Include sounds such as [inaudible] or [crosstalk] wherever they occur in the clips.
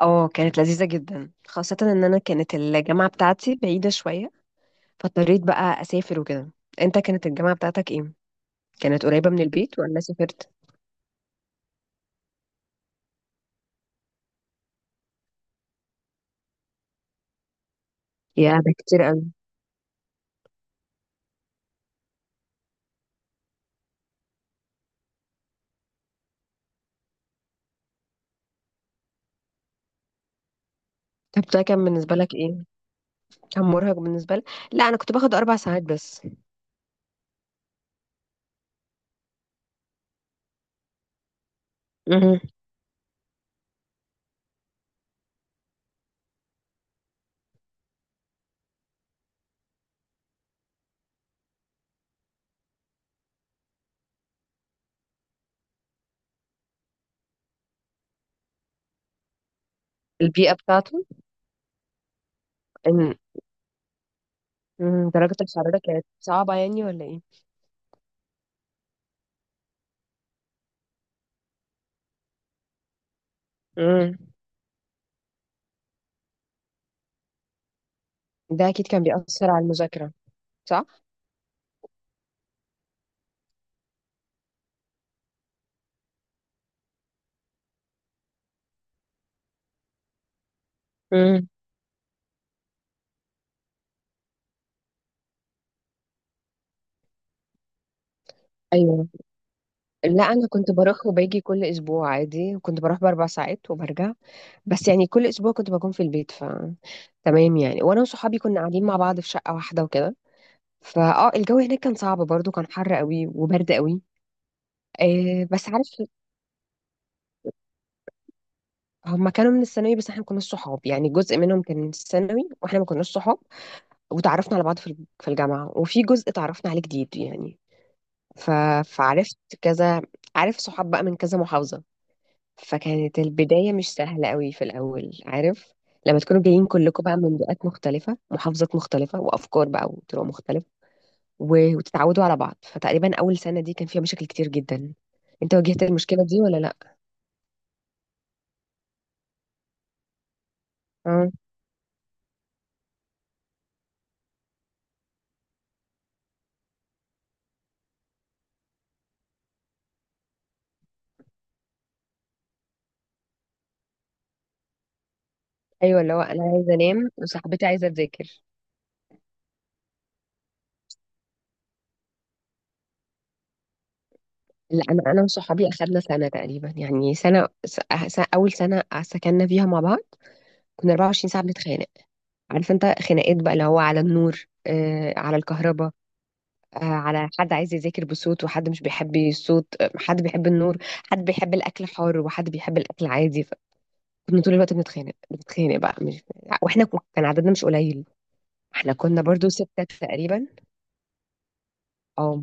اه، كانت لذيذة جدا، خاصة ان انا كانت الجامعة بتاعتي بعيدة شوية. فاضطريت بقى اسافر وكده. انت كانت الجامعة بتاعتك ايه؟ كانت قريبة من البيت ولا سافرت؟ يا ده كتير قوي. طب ده كان بالنسبة لك ايه؟ كان مرهق بالنسبة لك؟ لا، انا كنت باخد 4 ساعات بس. مهم. البيئة بتاعته. ان. درجة الحرارة كانت صعبة يعني ولا ايه؟ مم. ده اكيد كان بيأثر على المذاكرة، صح؟ مم. ايوه. لا، انا كنت بروح وباجي كل اسبوع عادي، كنت بروح بـ4 ساعات وبرجع. بس يعني كل اسبوع كنت بكون في البيت، ف تمام يعني. وانا وصحابي كنا قاعدين مع بعض في شقه واحده وكده. فاه الجو هناك كان صعب برضو، كان حر قوي وبرد قوي. بس عارف. هم كانوا من الثانوي، بس احنا ما كناش صحاب يعني. جزء منهم كان من الثانوي واحنا ما كناش صحاب، وتعرفنا على بعض في في الجامعه، وفي جزء تعرفنا عليه جديد يعني. ف... فعرفت كذا، عارف، صحاب بقى من كذا محافظه. فكانت البداية مش سهلة قوي في الأول، عارف، لما تكونوا جايين كلكم بقى من بيئات مختلفة، محافظات مختلفة، وأفكار بقى وطرق مختلفة، وتتعودوا على بعض. فتقريبا أول سنة دي كان فيها مشاكل كتير جدا. أنت واجهت المشكلة دي ولا لأ؟ اه. أيوة، اللي هو أنا عايزة أنام وصاحبتي عايزة تذاكر. لا، أنا وصحابي أخدنا سنة تقريبا. يعني سنة أول سنة سكننا فيها مع بعض كنا 24 ساعة بنتخانق. عارف أنت، خناقات بقى اللي هو على النور، على الكهرباء، على حد عايز يذاكر بصوت وحد مش بيحب الصوت، حد بيحب النور، حد بيحب الاكل حار وحد بيحب الاكل عادي. فكنا طول الوقت بنتخانق بنتخانق بقى، مش واحنا كان عددنا مش قليل. احنا كنا برضو ستة تقريبا. اه،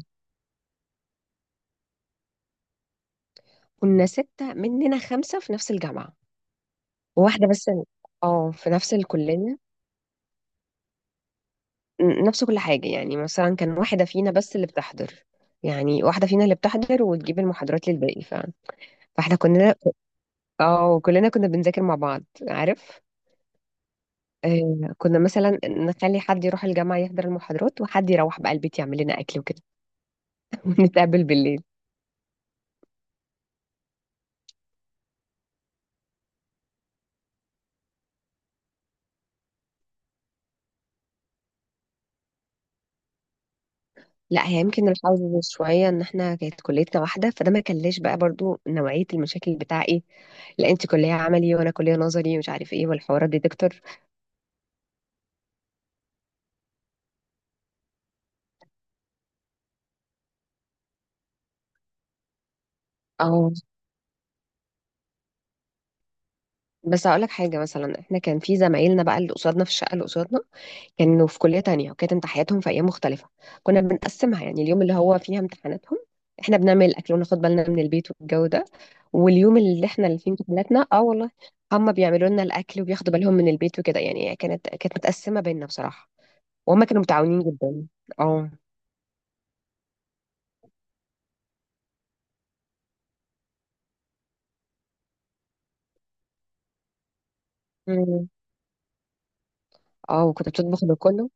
كنا ستة مننا خمسة في نفس الجامعة. وواحدة بس. اه، في نفس الكلية. نفس كل حاجة، يعني مثلا كان واحدة فينا بس اللي بتحضر. يعني واحدة فينا اللي بتحضر وتجيب المحاضرات للباقي. فاحنا كنا، اه، كلنا كنا بنذاكر مع بعض، عارف. كنا مثلا نخلي حد يروح الجامعة يحضر المحاضرات وحد يروح بقى البيت يعمل لنا أكل وكده. [laughs] ونتقابل بالليل. لا، هي يمكن الحظ شوية إن إحنا كانت كليتنا واحدة، فده ما كلاش بقى برضو نوعية المشاكل بتاع إيه، لا أنت كلية عملي وأنا كلية نظري ومش عارف إيه والحوارات دي، دكتور. أه بس هقول لك حاجة، مثلا إحنا كان في زمايلنا بقى اللي قصادنا، في الشقة اللي قصادنا كانوا في كلية تانية وكانت امتحاناتهم في أيام مختلفة. كنا بنقسمها، يعني اليوم اللي هو فيها امتحاناتهم احنا بنعمل الأكل وناخد بالنا من البيت والجو ده، واليوم اللي احنا اللي فيه امتحاناتنا، اه والله، هم بيعملوا لنا الأكل وبياخدوا بالهم من البيت وكده يعني. كانت متقسمة بينا بصراحة، وهم كانوا متعاونين جدا. اه. مم. اه، وكنت بتطبخ لكله.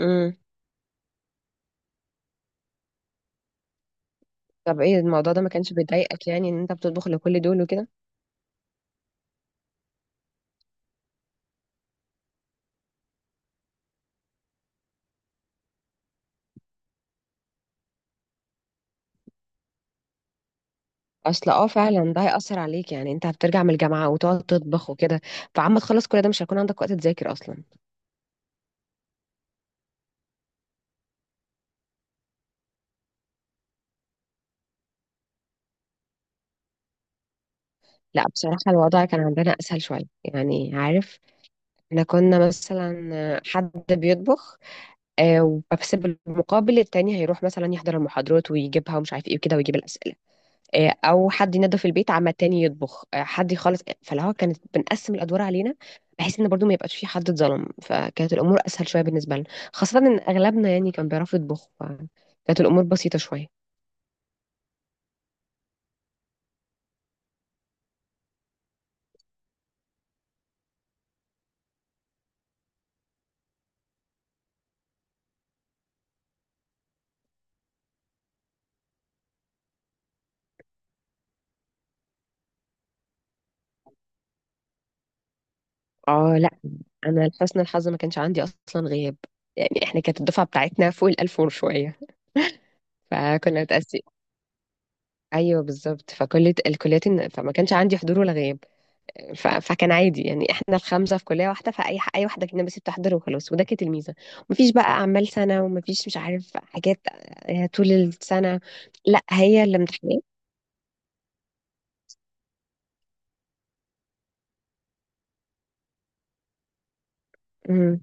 مم. طب ايه الموضوع ده ما كانش بيضايقك، يعني ان انت بتطبخ لكل دول وكده؟ اصل فعلا ده هيأثر عليك، يعني انت هترجع من الجامعة وتقعد تطبخ وكده. فعما تخلص كل ده مش هيكون عندك وقت تذاكر اصلا. لا بصراحة الوضع كان عندنا اسهل شوية، يعني عارف، احنا كنا مثلا حد بيطبخ، آه، وبس بالمقابل التاني هيروح مثلا يحضر المحاضرات ويجيبها ومش عارف ايه وكده، ويجيب الأسئلة، او حد ينظف البيت عما التاني يطبخ، حد يخلص. فاللي هو كانت بنقسم الادوار علينا، بحيث ان برضو ما يبقاش في حد اتظلم. فكانت الامور اسهل شويه بالنسبه لنا، خاصه ان اغلبنا يعني كان بيعرفوا يطبخوا، فكانت الامور بسيطه شويه. اه لا، انا لحسن الحظ ما كانش عندي اصلا غياب. يعني احنا كانت الدفعه بتاعتنا فوق الالف وشويه، فكنا متقسم. ايوه بالظبط، فكل الكليات، فما كانش عندي حضور ولا غياب. فكان عادي، يعني احنا الخمسه في كليه واحده، فاي ح- اي واحده فينا بس بتحضر وخلاص. وده كانت الميزه، مفيش بقى اعمال سنه ومفيش مش عارف حاجات. طول السنه لا، هي الامتحانات. امم.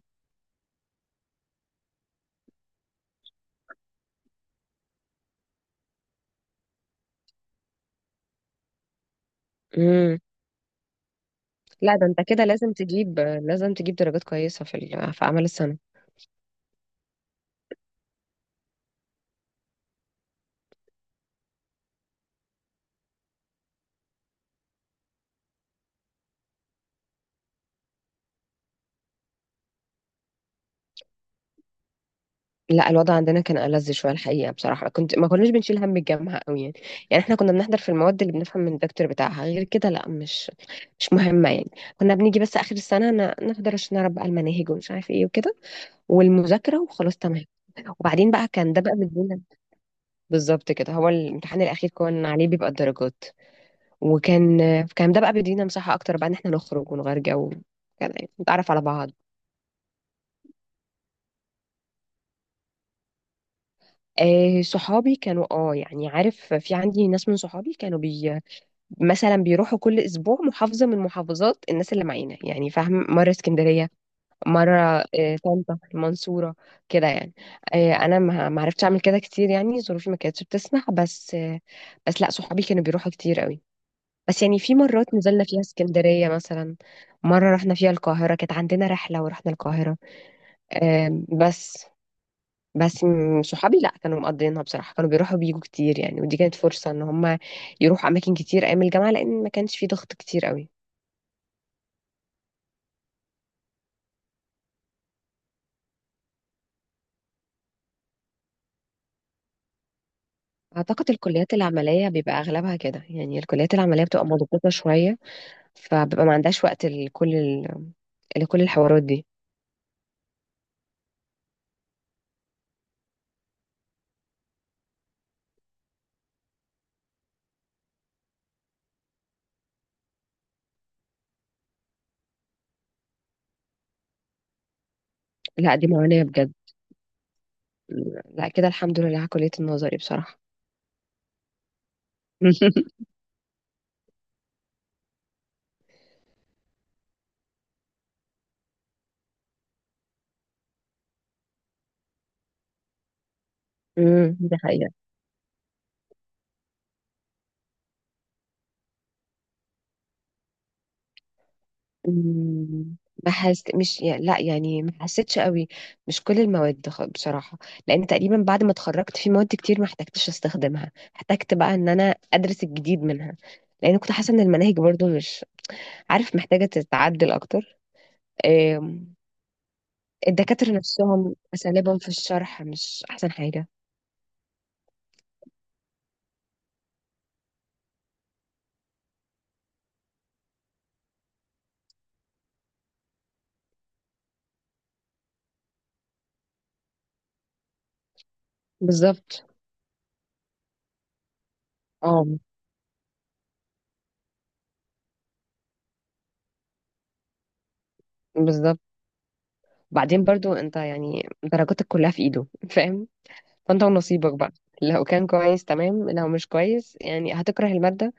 امم. لا ده انت كده لازم تجيب، لازم تجيب درجات كويسه في في اعمال السنه. لا الوضع عندنا كان ألذ شويه الحقيقه بصراحه، كنت ما كناش بنشيل هم الجامعه قوي يعني. يعني احنا كنا بنحضر في المواد اللي بنفهم من الدكتور بتاعها، غير كده لا، مش مهمه يعني. كنا بنيجي بس اخر السنه نحضر عشان نعرف بقى المناهج ومش عارف ايه وكده، والمذاكرة وخلاص تمام. وبعدين بقى كان ده بقى بيدينا، بالظبط كده، هو الامتحان الأخير كان عليه بيبقى الدرجات. وكان كان ده بقى بيدينا مساحة أكتر بقى، إن احنا نخرج ونغير جو كده، يعني نتعرف على بعض. صحابي كانوا، يعني عارف، في عندي ناس من صحابي كانوا مثلا بيروحوا كل اسبوع محافظة من محافظات الناس اللي معانا، يعني فاهم، مرة اسكندرية، مرة، طنطا، المنصورة، كده يعني. أنا ما عرفتش أعمل كده كتير، يعني ظروفي ما كانتش بتسمح بس بس لأ، صحابي كانوا بيروحوا كتير قوي، بس يعني في مرات نزلنا فيها اسكندرية مثلا. مرة رحنا فيها القاهرة، كانت عندنا رحلة ورحنا القاهرة. آم، بس بس صحابي لأ كانوا مقضيينها بصراحة، كانوا بيروحوا بيجوا كتير يعني. ودي كانت فرصة إن هما يروحوا أماكن كتير أيام الجامعة، لأن ما كانش في ضغط كتير قوي. أعتقد الكليات العملية بيبقى أغلبها كده يعني، الكليات العملية بتبقى مضغوطة شوية، فببقى ما عندهاش وقت لكل لكل الحوارات دي. لا دي معاناة بجد. لا كده الحمد لله على كلية النظري بصراحة. [laughs] دي حقيقة. امم ما حس مش يعني لا يعني ما حسيتش قوي. مش كل المواد، بصراحة، لأن تقريبا بعد ما اتخرجت في مواد كتير ما احتجتش استخدمها، احتجت بقى ان انا ادرس الجديد منها، لأن كنت حاسة ان المناهج برضو مش عارف محتاجة تتعدل اكتر. آم، الدكاترة نفسهم أساليبهم في الشرح مش أحسن حاجة. بالظبط، اه بالظبط. بعدين برضو انت يعني درجاتك كلها في ايده [laughs] فاهم، فانت ونصيبك بقى، لو كان كويس تمام، لو مش كويس يعني هتكره المادة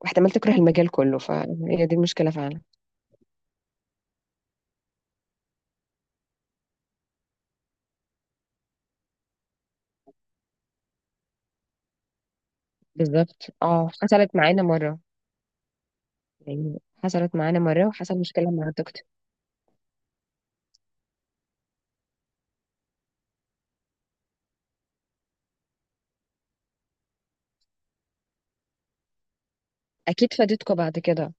واحتمال تكره المجال كله. فهي دي المشكلة فعلا. بالظبط، حصلت معانا مرة. يعني حصلت معانا مرة وحصل مشكلة مع الدكتور. اكيد فادتكوا بعد كده.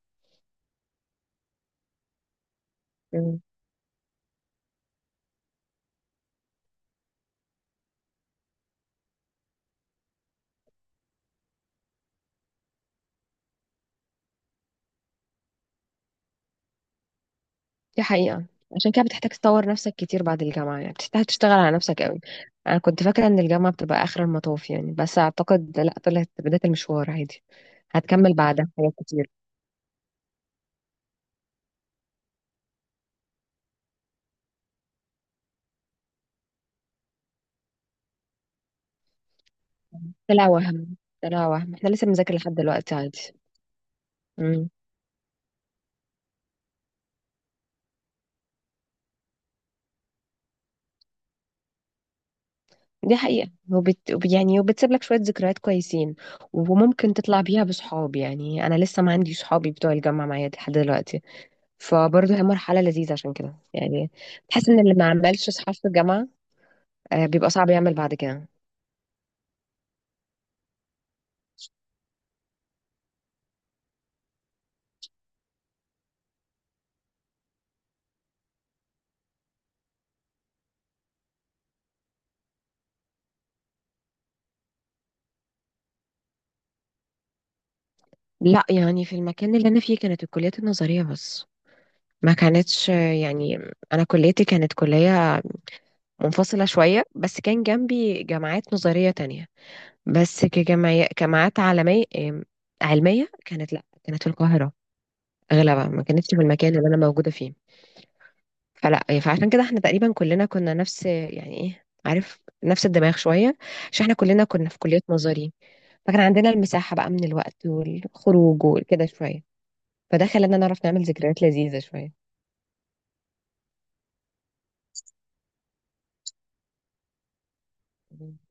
دي حقيقة، عشان كده بتحتاج تطور نفسك كتير بعد الجامعة، يعني بتحتاج تشتغل على نفسك قوي. أنا كنت فاكرة إن الجامعة بتبقى آخر المطاف يعني، بس أعتقد لأ، طلعت بداية المشوار عادي. هتكمل بعدها حاجات كتير. طلع وهم، طلع وهم. احنا لسه بنذاكر لحد دلوقتي عادي. امم دي حقيقة. يعني وبتسيب لك شوية ذكريات كويسين، وممكن تطلع بيها بصحاب. يعني أنا لسه ما عندي صحابي بتوع الجامعة معايا لحد دلوقتي. فبرضه هي مرحلة لذيذة عشان كده يعني. بحس إن اللي ما عملش صحاب في الجامعة، بيبقى صعب يعمل بعد كده. لا يعني في المكان اللي انا فيه كانت الكليات النظريه بس، ما كانتش يعني، انا كليتي كانت كليه منفصله شويه، بس كان جنبي جامعات نظريه تانية، بس جامعات عالميه، علميه كانت، لا كانت في القاهره اغلبها، ما كانتش في المكان اللي انا موجوده فيه. فلا فعشان كده احنا تقريبا كلنا كنا نفس يعني ايه عارف، نفس الدماغ شويه، عشان احنا كلنا كنا في كليات نظري. فكان عندنا المساحه بقى من الوقت والخروج وكده شويه، فده خلانا نعرف نعمل ذكريات لذيذة شوية.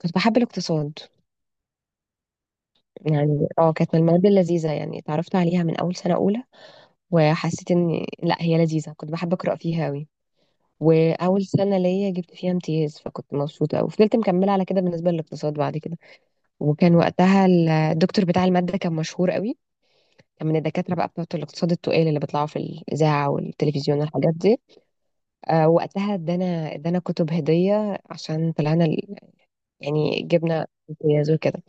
كنت بحب الاقتصاد. يعني كانت من المواد اللذيذة، يعني اتعرفت عليها من أول سنة أولى، وحسيت إن لا هي لذيذة. كنت بحب أقرأ فيها أوي، وأول سنة ليا جبت فيها امتياز، فكنت مبسوطة أوي. فضلت مكملة على كده بالنسبة للاقتصاد بعد كده. وكان وقتها الدكتور بتاع المادة كان مشهور أوي، كان من الدكاترة بقى بتوع الاقتصاد التقال اللي بيطلعوا في الإذاعة والتلفزيون والحاجات دي. وقتها ادانا كتب هدية عشان طلعنا يعني جبنا امتياز وكده.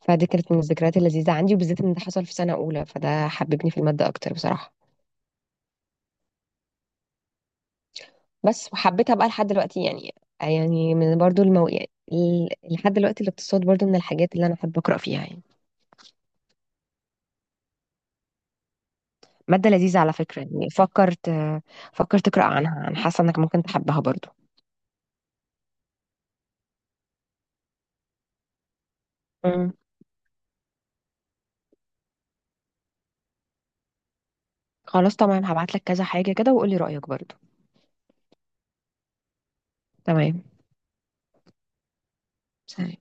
فدي كانت من الذكريات اللذيذة عندي، وبالذات إن ده حصل في سنة أولى، فده حببني في المادة أكتر بصراحة. بس وحبيتها بقى لحد دلوقتي يعني. يعني من برضو يعني لحد دلوقتي الاقتصاد برضو من الحاجات اللي أنا أحب أقرأ فيها يعني. مادة لذيذة على فكرة، يعني فكرت، فكرت تقرأ عنها؟ أنا حاسة إنك ممكن تحبها برضو. مم. خلاص تمام، هبعتلك كذا حاجة كده وقولي رأيك برضو. تمام. سلام.